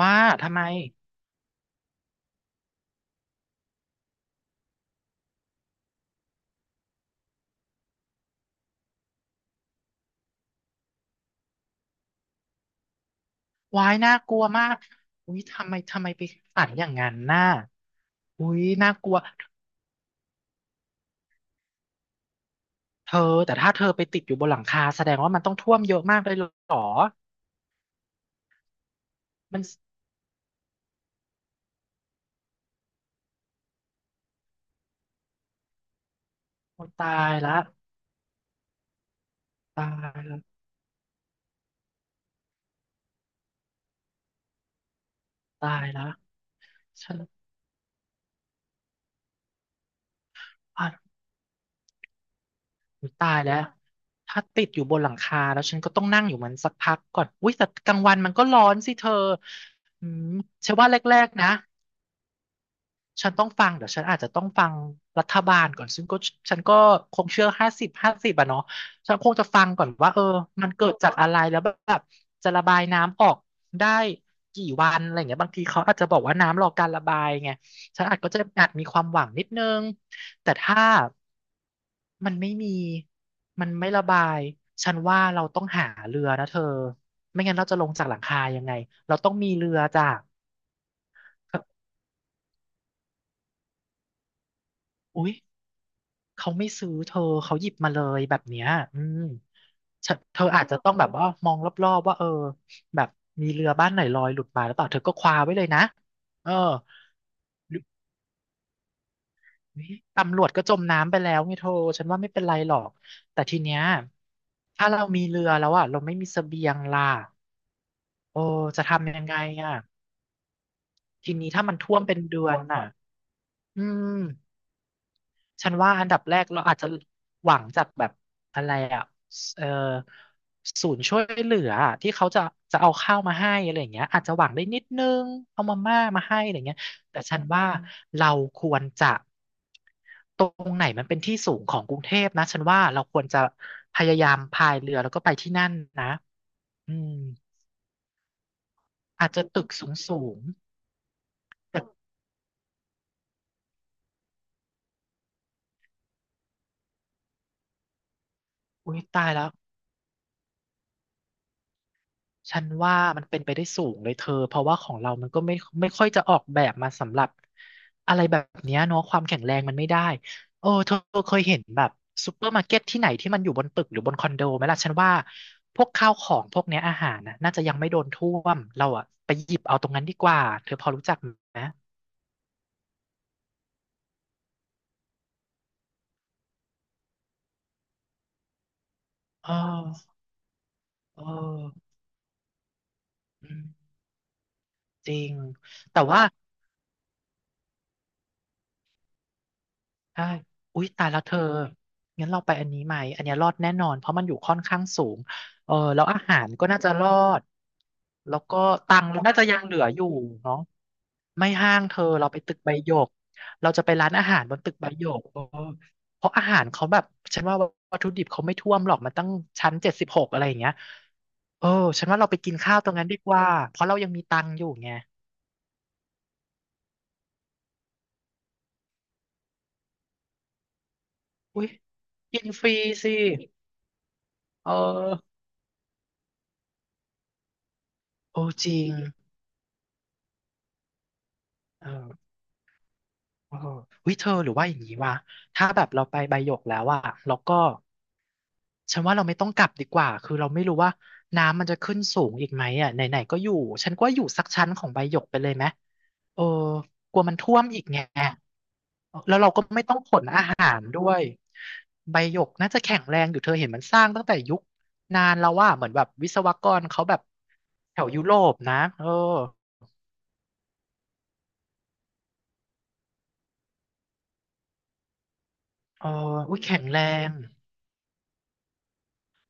ว่าทำไมวายน่ากลัวมากอุ้ยทำไมไปฝันอย่างนั้นน่ะอุ้ยน่ากลัวเธอแต่ถ้าเธอไปติดอยู่บนหลังคาแสดงว่ามันต้องท่วมเยอะมากเลยเหรอมันโอ้ตายละตายละตายละฉันอ่ะอุ้ยตายแล้วถ้าติดอยู่บนหลังคาแล้วฉันก็ต้องนั่งอยู่มันสักพักก่อนอุ้ยแต่กลางวันมันก็ร้อนสิเธออืมฉันว่าแรกๆนะ ฉันต้องฟังเดี๋ยวฉันอาจจะต้องฟังรัฐบาลก่อนซึ่งก็ฉันก็คงเชื่อห้าสิบห้าสิบอะเนาะฉันคงจะฟังก่อนว่าเออมันเกิดจากอะไรแล้วแบบจะระบายน้ำออกได้กี่วันอะไรเงี้ยบางทีเขาอาจจะบอกว่าน้ำรอการระบายไงฉันอาจก็จะอาจมีความหวังนิดนึงแต่ถ้ามันไม่มีมันไม่ระบายฉันว่าเราต้องหาเรือนะเธอไม่งั้นเราจะลงจากหลังคายังไงเราต้องมีเรือจากอุ๊ย เขาไม่ซื้อเธอเขาหยิบมาเลยแบบเนี้ยอืมเธอเธออาจจะต้องแบบว่ามองรอบๆว่าเออแบบมีเรือบ้านไหนลอยหลุดมาแล้วเปล่าเธอก็คว้าไว้เลยนะเออหรือเฮ้ยตำรวจก็จมน้ำไปแล้วไงเธอฉันว่าไม่เป็นไรหรอก แต่ทีเนี้ยถ้าเรามีเรือแล้วอ่ะเราไม่มีเสบียงล่ะโอ้จะทำยังไงอ่ะทีนี้ถ้ามันท่วมเป็นเดือนอ่ะอืม ฉันว่าอันดับแรกเราอาจจะหวังจากแบบอะไรอ่ะเออศูนย์ช่วยเหลืออะที่เขาจะเอาข้าวมาให้อะไรอย่างเงี้ยอาจจะหวังได้นิดนึงเอามาม่ามาให้อะไรเงี้ยแต่ฉันว่าเราควรจะตรงไหนมันเป็นที่สูงของกรุงเทพนะฉันว่าเราควรจะพยายามพายเรือแล้วก็ไปที่นั่นนะอืมอาจจะตึกสูงสูงแต่อุ๊ยตายแล้ว ฉันว่ามันเป็นไปได้สูงเลยเธอเพราะว่าของเรามันก็ไม่ค่อยจะออกแบบมาสำหรับอะไรแบบเนี้ยเนาะความแข็งแรงมันไม่ได้เออเธอเคยเห็นแบบซูเปอร์มาร์เก็ตที่ไหนที่มันอยู่บนตึกหรือบนคอนโดไหมล่ะฉันว่าพวกข้าวของพวกเนี้ยอาหารน่ะน่าจะยังไม่โดนท่วมเราอะไปหยิบเอาตรงนั้นดีกว่าเธอพอรู้จักไหมเออเอออืมจริงแต่ว่า ใช่อุ๊ยตายแล้วเธอ งั้นเราไปอันนี้ไหมอันเนี้ยรอดแน่นอนเพราะมันอยู่ค่อนข้างสูงเออแล้วอาหารก็น่าจะรอดแล้วก็ตังค์เราน่าจะยังเหลืออยู่เนาะไม่ห้างเธอเราไปตึกใบหยกเราจะไปร้านอาหารบนตึกใบหยกเออเพราะอาหารเขาแบบฉันว่าวัตถุดิบเขาไม่ท่วมหรอกมันตั้งชั้น 76อะไรอย่างเงี้ย เออฉันว่าเราไปกินข้าวตรงนั้นดีกว่าเพราะเรายังมีตังค์อยู่ไงอุ้ยกินฟรีสิเออโอ้จริงเออ เออเฮเธอหรือว่าอย่างนี้วะถ้าแบบเราไปใบหยกแล้วอะเราก็ฉันว่าเราไม่ต้องกลับดีกว่าคือเราไม่รู้ว่าน้ำมันจะขึ้นสูงอีกไหมอะไหนๆก็อยู่ฉันก็อยู่สักชั้นของใบหยกไปเลยไหมเออกลัวมันท่วมอีกไงแล้วเราก็ไม่ต้องขนอาหารด้วยใบหยกน่าจะแข็งแรงอยู่เธอเห็นมันสร้างตั้งแต่ยุคนานแล้วว่าเหมือนแบบวิศวกรเขาแบบแถวยุโรปนะเออเอออุ้ยแข็งแรง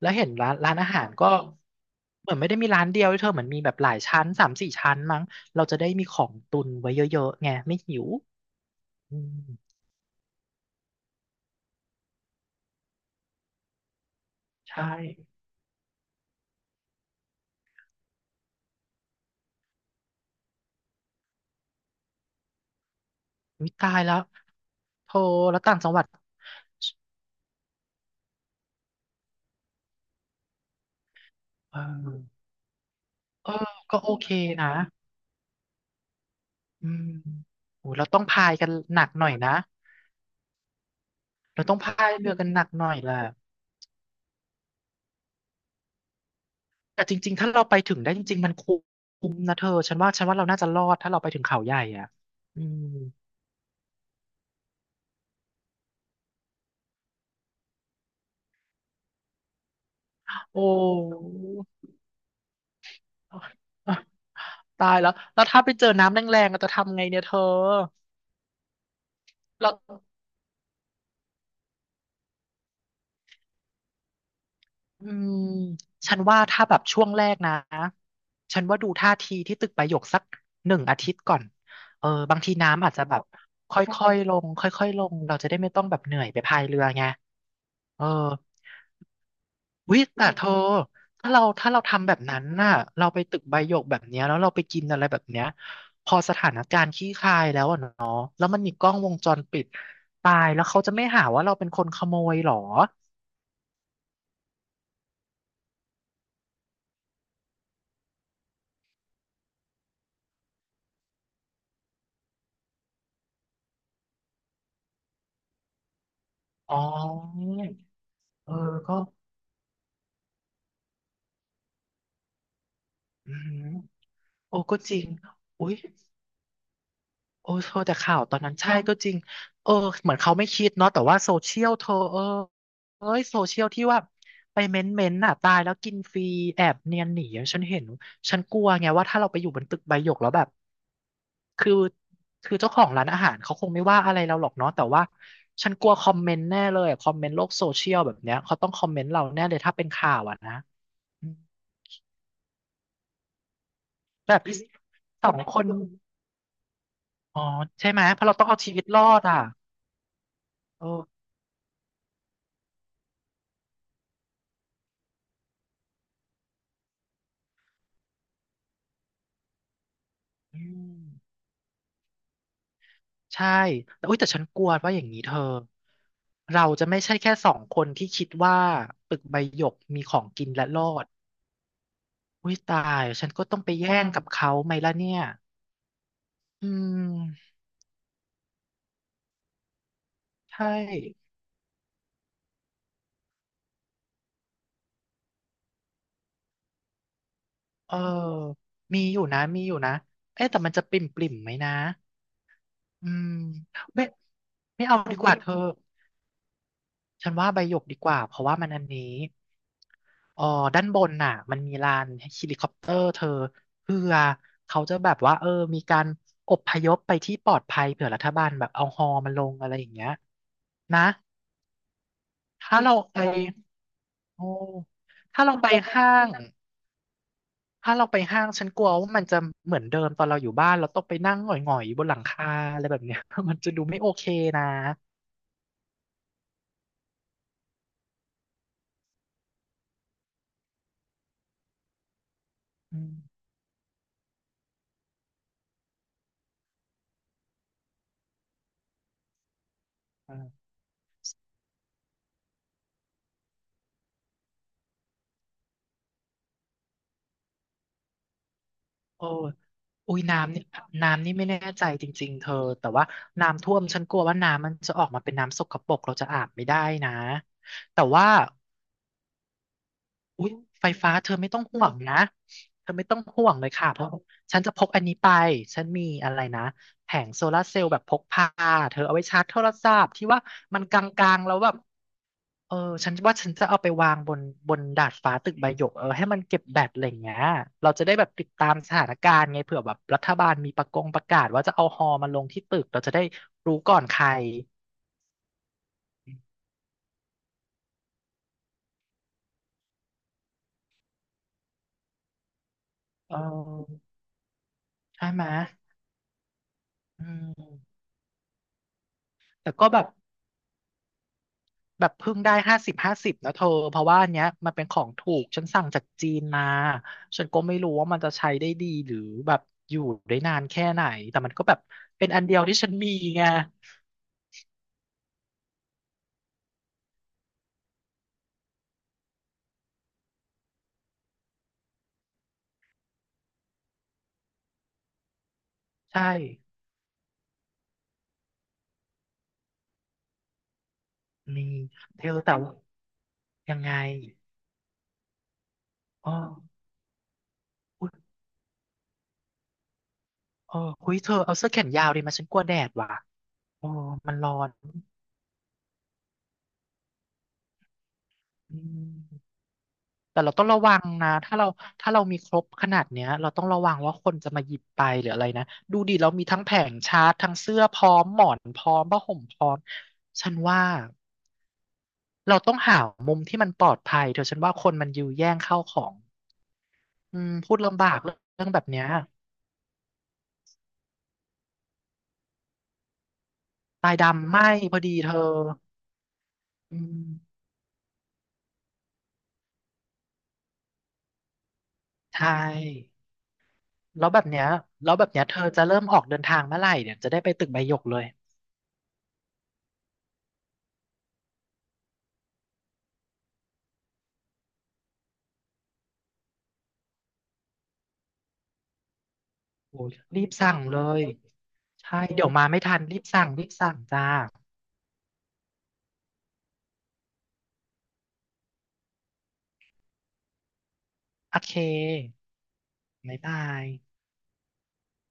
แล้วเห็นร้านอาหารก็เหมือนไม่ได้มีร้านเดียวด้วยเธอเหมือนมีแบบหลายชั้นสามสี่ชั้นมั้งเราจะได้มีของตุนไว้เยอะๆไงไม่หิวอืมใช่วิตายแล้วโทรแล้วต่างจังหวัดเออเออก็โอเคนะอืมโหเราต้องพายกันหนักหน่อยนะเราต้องพายเรือกันหนักหน่อยแหละแต่จริงๆถ้าเราไปถึงได้จริงๆมันคุ้มนะเธอฉันว่าเราน่าจะรอดถ้าเราไปถึงเขาใหญ่อ่ะอืมโอ้ ตายแล้วแล้วถ้าไปเจอน้ำแรงๆเราจะทำไงเนี่ยเธอแล้วอืมฉันว่าถ้าแบบช่วงแรกนะฉันว่าดูท่าทีที่ตึกประโยคสักหนึ่งอาทิตย์ก่อนเออบางทีน้ำอาจจะแบบค่อยๆลงค่อยๆลงเราจะได้ไม่ต้องแบบเหนื่อยไปพายเรือไงเออ วิแต่เธอถ้าเราทำแบบนั้นน่ะเราไปตึกใบหยกแบบเนี้ยแล้วเราไปกินอะไรแบบเนี้ยพอสถานการณ์ขี้คายแล้วอะเนาะแล้วมันมีกล้องวงจรปิดตายแล้วเขาจะไม่หาว่าเราเป็นคนขโมยหรออ๋อเออก็อืมโอ้ก็จริงอุ๊ย โอ้เธอแต่ข่าวตอนนั้นใช่ก็จริงเออเหมือนเขาไม่คิดเนาะแต่ว่าโซเชียลเธอเออเอ้ยโซเชียลที่ว่าไปเม้นน่ะตายแล้วกินฟรีแอบเนียนหนีอะฉันเห็นฉันกลัวไงว่าถ้าเราไปอยู่บนตึกใบหยกแล้วแบบคือคือเจ้าของร้านอาหารเขาคงไม่ว่าอะไรเราหรอกเนาะแต่ว่าฉันกลัวคอมเมนต์แน่เลยอะคอมเมนต์โลกโซเชียลแบบเนี้ยเขาต้องคอมเมนต์เราแน่เลยถ้าเป็นข่าวอ่ะนะอืมแบบสองคนอ๋อใช่ไหมเพราะเราต้องเอาชีวิตรอดอ่ะเอออืม ใช่แต่อุ๊ยแต่ฉันกลัวว่าอย่างนี้เธอเราจะไม่ใช่แค่สองคนที่คิดว่าตึกใบหยกมีของกินและรอดอุ๊ยตายฉันก็ต้องไปแย่งกับเขาไหมล่ะเนี่ยอืมใช่เออมีอยู่นะมีอยู่นะเอ๊ะแต่มันจะปริ่มปริ่มไหมนะอืมไม่ไม่เอาดีกว่าเธอ ฉันว่าใบหยกดีกว่าเพราะว่ามันอันนี้อ๋อด้านบนน่ะมันมีลานเฮลิคอปเตอร์เธอเพื่อเขาจะแบบว่าเออมีการอพยพไปที่ปลอดภัยเผื่อรัฐบาลแบบเอาฮอมันลงอะไรอย่างเงี้ยนะถ้าเราไปโอ้ถ้าเราไปห้างถ้าเราไปห้างฉันกลัวว่ามันจะเหมือนเดิมตอนเราอยู่บ้านเราต้องไปนั่งหงอยๆบนหลังคาอะไรแบบเนี้ย มันจะดูไม่โอเคนะอืม โอ้ยอุ้ยน้ำนี่ไม่แน่ใจจริงๆเธอแต่ว่าน้ำท่วมฉันกลัวว่าน้ำมันจะออกมาเป็นน้ำสกปรกเราจะอาบไม่ได้นะแต่ว่าอุ้ยไฟฟ้าเธอไม่ต้องห่วงนะเธอไม่ต้องห่วงเลยค่ะเพราะฉันจะพกอันนี้ไปฉันมีอะไรนะแผงโซลาร์เซลล์แบบพกพาเธอเอาไว้ชาร์จโทรศัพท์ที่ว่ามันกลางๆแล้วแบบ เออฉันว่าฉันจะเอาไปวางบนดาดฟ้าตึกใบหยกเออให้มันเก็บแบตอะไรอย่างเงี้ยเราจะได้แบบติดตามสถานการณ์ไงเผื่อแบบรัฐบาลมีประกาศว่าจะเอาฮอมาลงที่ตึกเราจะได้รู้ก่อนใครเออใช่ไหมอืมแต่ก็แบบแบบเพิ่งได้ห้าสิบนะเธอเพราะว่าอันเนี้ยมันเป็นของถูกฉันสั่งจากจีนมาฉันก็ไม่รู้ว่ามันจะใช้ได้ดีหรือแบบอยู่ได้นานแค่ไหนแต่มันก็แบบเป็นอันเดียวที่ฉันมีไงใช่มีเธอแต่ว่า ยังไงอ้ออุ๊ยเออคุยเธอเอาเสื้อแขนยาวดีมาฉันกลัวแดดว่ะโอ้มันร้อนอืมแต่เราต้องระวังนะถ้าเรามีครบขนาดเนี้ยเราต้องระวังว่าคนจะมาหยิบไปหรืออะไรนะดูดิเรามีทั้งแผงชาร์จทั้งเสื้อพร้อมหมอนพร้อมผ้าห่มพร้อมฉันว่าเราต้องหามุมที่มันปลอดภัยเธอฉันว่าคนมันยื้อแย่งเข้าของอืมพูดลำบากเรื่องแบบเนี้ยตายดำไหม้พอดีเธออืมใช่ แล้วแบบเนี้ย แล้วแบบเนี้ยเธอจะเริ่มออกเดินทางเมื่อไหร่เนี่ย จะได้ไปตึกใบหยกเลย โอ้ยรีบสั่งเลย ใช่ เดี๋ยวมาไม่ทัน รีบสั่ง รีบสั่งจ้า โอเคบ๊ายบาย